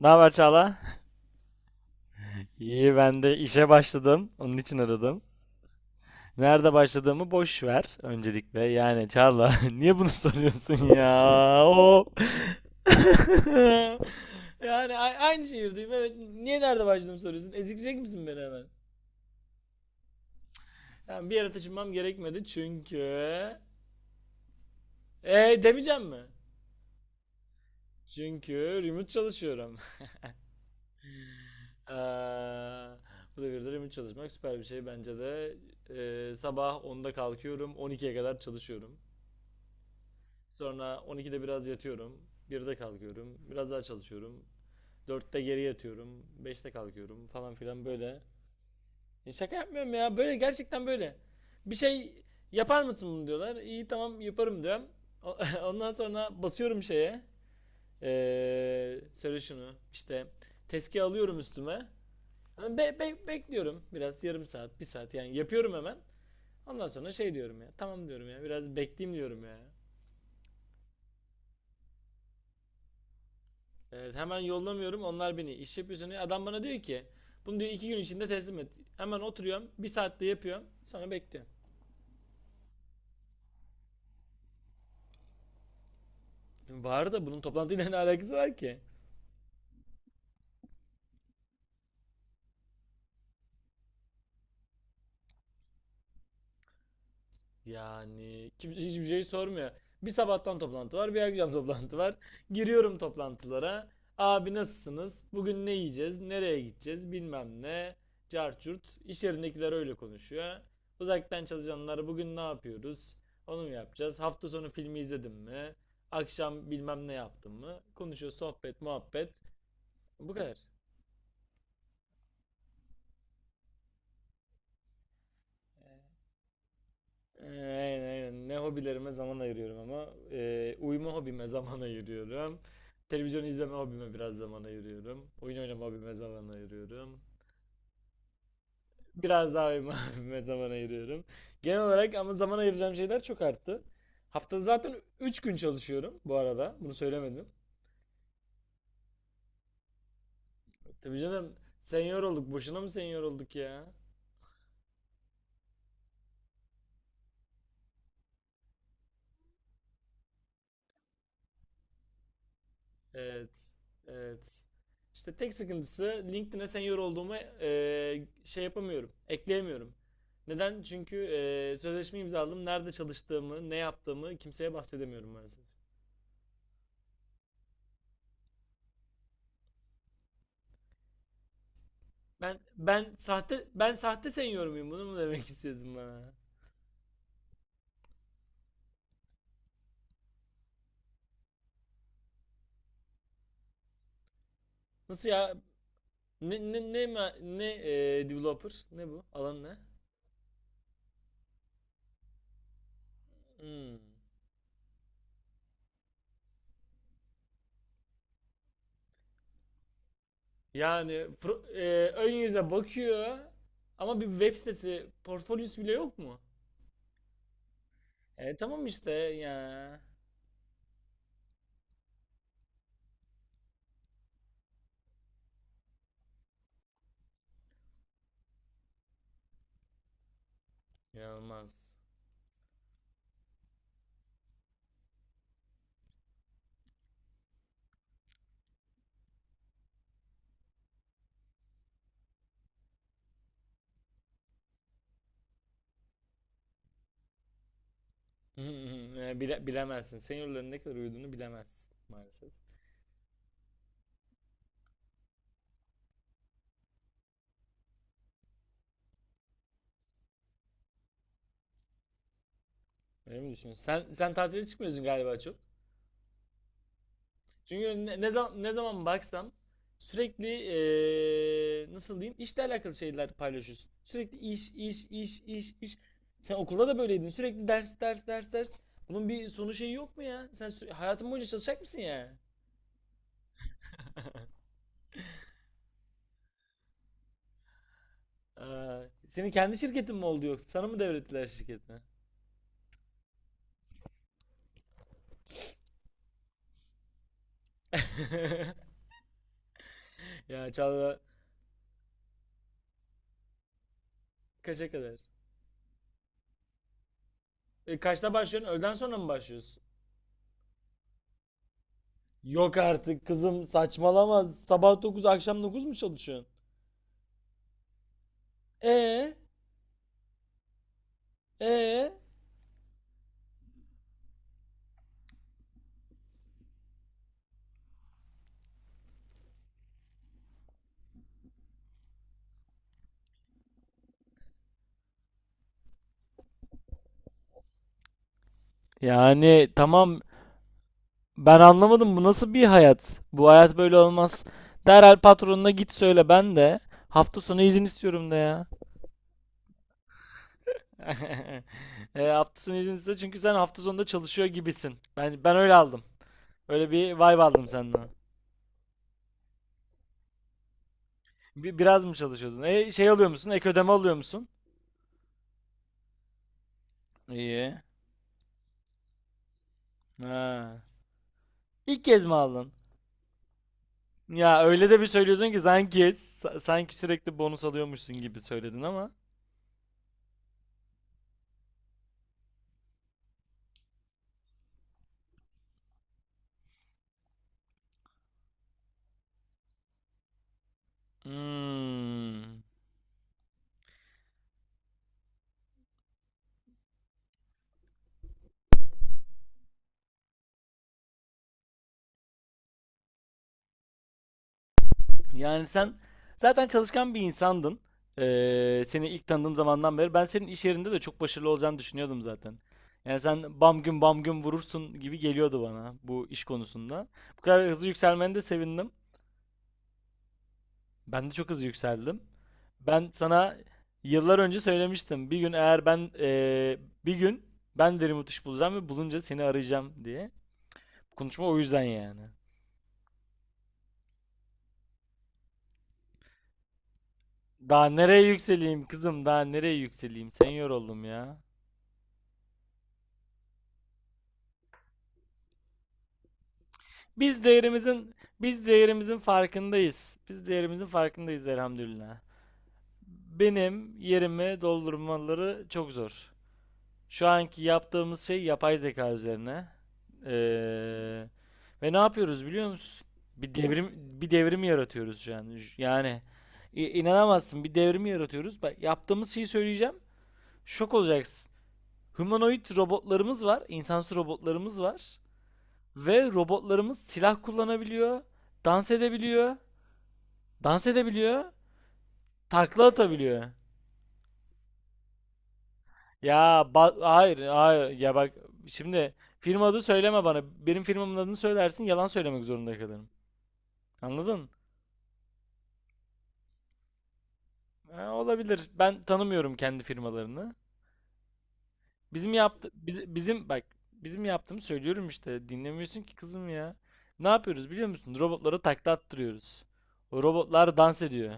Ne haber Çağla? İyi ben de işe başladım. Onun için aradım. Nerede başladığımı boş ver öncelikle. Yani Çağla niye bunu soruyorsun ya? O Yani aynı şehirdeyim, evet. Niye nerede başladığımı soruyorsun? Ezikleyecek misin beni hemen? Yani bir yere taşınmam gerekmedi çünkü... E demeyeceğim mi? Çünkü remote çalışıyorum. Eee, bu devirde remote çalışmak süper bir şey bence de. Sabah 10'da kalkıyorum, 12'ye kadar çalışıyorum. Sonra 12'de biraz yatıyorum. 1'de kalkıyorum. Biraz daha çalışıyorum. Dörtte geri yatıyorum. Beşte kalkıyorum falan filan böyle. E şaka yapmıyorum ya. Böyle gerçekten böyle. Bir şey yapar mısın bunu diyorlar. İyi, tamam yaparım diyorum. Ondan sonra basıyorum şeye. Söyle şunu. İşte tezki alıyorum üstüme. Hani bekliyorum biraz, yarım saat, bir saat, yani yapıyorum hemen. Ondan sonra şey diyorum ya. Tamam diyorum ya. Biraz bekleyeyim diyorum ya. Evet, hemen yollamıyorum, onlar beni iş yapıyorsun. Adam bana diyor ki bunu diyor 2 gün içinde teslim et. Hemen oturuyorum, bir saatte yapıyorum, sonra bekliyorum. Var da bunun toplantıyla ne alakası var ki? Yani kimse hiçbir şey sormuyor. Bir sabahtan toplantı var, bir akşam toplantı var. Giriyorum toplantılara. Abi nasılsınız? Bugün ne yiyeceğiz? Nereye gideceğiz? Bilmem ne. Carçurt. İş yerindekiler öyle konuşuyor. Uzaktan çalışanlar bugün ne yapıyoruz? Onu mu yapacağız? Hafta sonu filmi izledim mi? Akşam bilmem ne yaptım mı? Konuşuyor, sohbet, muhabbet. Bu kadar. Ee, Aynen aynen. Ne hobilerime zaman ayırıyorum ama. Uyuma hobime zaman ayırıyorum. Televizyon izleme hobime biraz zaman ayırıyorum. Oyun oynama hobime zaman ayırıyorum. Biraz daha uyuma hobime zaman ayırıyorum. Genel olarak ama zaman ayıracağım şeyler çok arttı. Haftada zaten 3 gün çalışıyorum bu arada. Bunu söylemedim. Tabii canım, senior olduk. Boşuna mı senior olduk ya? Evet. Evet. İşte tek sıkıntısı LinkedIn'e senior olduğumu şey yapamıyorum. Ekleyemiyorum. Neden? Çünkü sözleşme imzaladım. Nerede çalıştığımı, ne yaptığımı kimseye bahsedemiyorum maalesef. Ben sahte senior muyum? Bunu mu demek istiyorsun bana? Nasıl ya? Ne developer? Ne bu? Alan ne? Hmm. Yani ön yüze bakıyor ama bir web sitesi portfolyosu bile yok mu? E, tamam işte ya. İnanılmaz. Bilemezsin. Seniorların ne kadar uyuduğunu bilemezsin maalesef. Öyle mi düşünüyorsun? Sen tatile çıkmıyorsun galiba çok. Çünkü ne zaman baksam sürekli, nasıl diyeyim, işle alakalı şeyler paylaşıyorsun. Sürekli iş iş iş iş iş. Sen okulda da böyleydin. Sürekli ders ders ders ders. Bunun bir sonu şeyi yok mu ya? Sen hayatın boyunca çalışacak mısın ya? Aa, senin kendi şirketin mi oldu yoksa? Sana mı devrettiler şirketini? Ya Çağla, kaça kadar? Kaçta başlıyorsun? Öğleden sonra mı başlıyorsun? Yok artık kızım, saçmalama. Sabah 9 akşam 9 mu çalışıyorsun? E e Yani tamam, ben anlamadım, bu nasıl bir hayat? Bu hayat böyle olmaz. Derhal patronuna git söyle, ben de hafta sonu izin istiyorum da ya. Hafta sonu izin iste, çünkü sen hafta sonunda çalışıyor gibisin. Ben öyle aldım. Öyle bir vibe aldım senden. Biraz mı çalışıyordun? Şey alıyor musun? Ek ödeme alıyor musun? İyi. Ha. İlk kez mi aldın? Ya öyle de bir söylüyorsun ki, sanki sanki sürekli bonus alıyormuşsun gibi söyledin ama. Hmm. Yani sen zaten çalışkan bir insandın. Seni ilk tanıdığım zamandan beri ben senin iş yerinde de çok başarılı olacağını düşünüyordum zaten. Yani sen bam gün bam gün vurursun gibi geliyordu bana bu iş konusunda. Bu kadar hızlı yükselmene de sevindim. Ben de çok hızlı yükseldim. Ben sana yıllar önce söylemiştim. Bir gün ben de remote iş bulacağım ve bulunca seni arayacağım diye. Konuşma o yüzden yani. Daha nereye yükseleyim kızım? Daha nereye yükseleyim? Senior oldum ya. Biz değerimizin biz değerimizin farkındayız. Biz değerimizin farkındayız elhamdülillah. Benim yerimi doldurmaları çok zor. Şu anki yaptığımız şey yapay zeka üzerine. Ee, ve ne yapıyoruz biliyor musun? Bir devrim bir devrim yaratıyoruz şu an. Yani inanamazsın, bir devrim yaratıyoruz. Bak yaptığımız şeyi söyleyeceğim. Şok olacaksın. Humanoid robotlarımız var, insansı robotlarımız var ve robotlarımız silah kullanabiliyor, dans edebiliyor, dans edebiliyor, takla atabiliyor. Ya hayır hayır, ya bak şimdi, film adı söyleme bana. Benim filmimin adını söylersin, yalan söylemek zorunda kalırım. Anladın? Ha, olabilir. Ben tanımıyorum kendi firmalarını. Bizim yaptı biz- bizim bak bizim yaptığımı söylüyorum işte. Dinlemiyorsun ki kızım ya. Ne yapıyoruz biliyor musun? Robotlara takla attırıyoruz. O robotlar dans ediyor.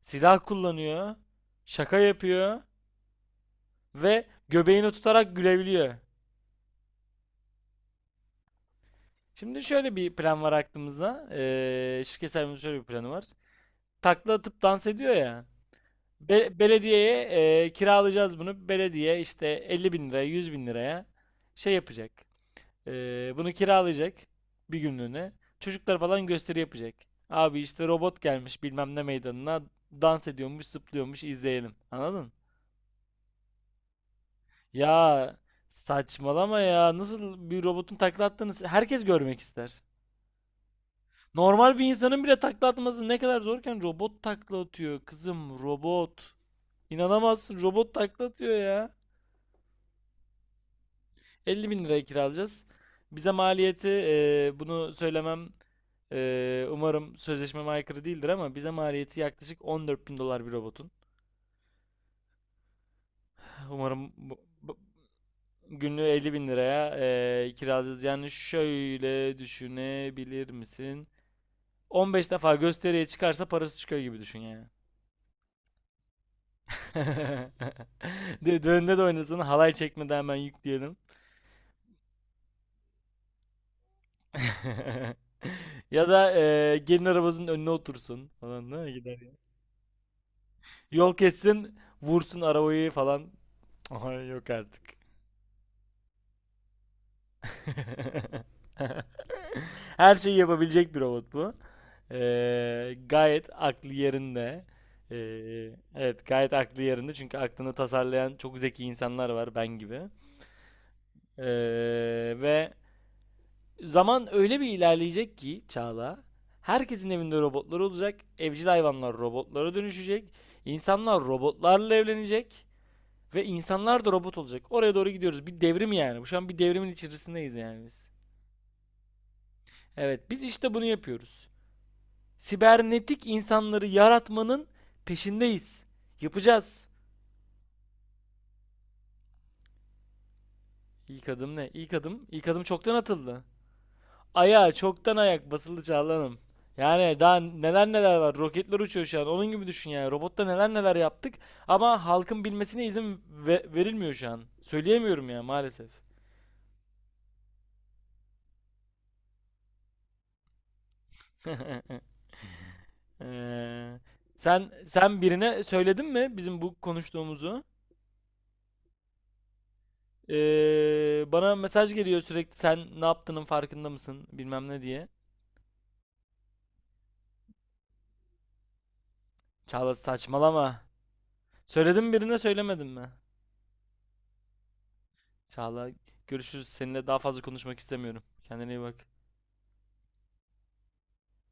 Silah kullanıyor. Şaka yapıyor ve göbeğini tutarak gülebiliyor. Şimdi şöyle bir plan var aklımızda. Şirket sahibimizin şöyle bir planı var. Takla atıp dans ediyor ya. Belediyeye kiralayacağız bunu. Belediye işte 50 bin liraya 100 bin liraya şey yapacak. E, bunu kiralayacak bir günlüğüne. Çocuklar falan gösteri yapacak. Abi işte robot gelmiş bilmem ne meydanına dans ediyormuş, zıplıyormuş, izleyelim. Anladın? Ya saçmalama ya. Nasıl, bir robotun takla attığını herkes görmek ister. Normal bir insanın bile takla atması ne kadar zorken robot takla atıyor. Kızım, robot. İnanamazsın, robot takla atıyor ya. 50 bin liraya kiralayacağız. Bize maliyeti, bunu söylemem, umarım sözleşmeme aykırı değildir, ama bize maliyeti yaklaşık 14 bin dolar bir robotun. Umarım bu, günlüğü 50 bin liraya kiralayacağız. Yani şöyle düşünebilir misin? 15 defa gösteriye çıkarsa parası çıkıyor gibi düşün yani. Düğünde de oynasın, halay çekmeden hemen yükleyelim. Ya da gelin arabasının önüne otursun falan, ne gider. Yol kessin, vursun arabayı falan. Ay yok artık. Her şeyi yapabilecek bir robot bu. Gayet aklı yerinde. Evet, gayet aklı yerinde, çünkü aklını tasarlayan çok zeki insanlar var ben gibi. Eee, ve zaman öyle bir ilerleyecek ki Çağla, herkesin evinde robotlar olacak, evcil hayvanlar robotlara dönüşecek, insanlar robotlarla evlenecek ve insanlar da robot olacak. Oraya doğru gidiyoruz. Bir devrim yani. Bu şu an, bir devrimin içerisindeyiz yani biz. Evet, biz işte bunu yapıyoruz. Sibernetik insanları yaratmanın peşindeyiz. Yapacağız. İlk adım ne? İlk adım çoktan atıldı. Ayağa çoktan ayak basıldı Çağlan'ım. Yani daha neler neler var. Roketler uçuyor şu an. Onun gibi düşün yani. Robotta neler neler yaptık ama halkın bilmesine izin verilmiyor şu an. Söyleyemiyorum ya maalesef. Ee, sen birine söyledin mi bizim bu konuştuğumuzu? Bana mesaj geliyor sürekli, sen ne yaptığının farkında mısın bilmem ne diye. Çağla saçmalama. Söyledim, birine söylemedin mi? Çağla görüşürüz. Seninle daha fazla konuşmak istemiyorum. Kendine iyi bak.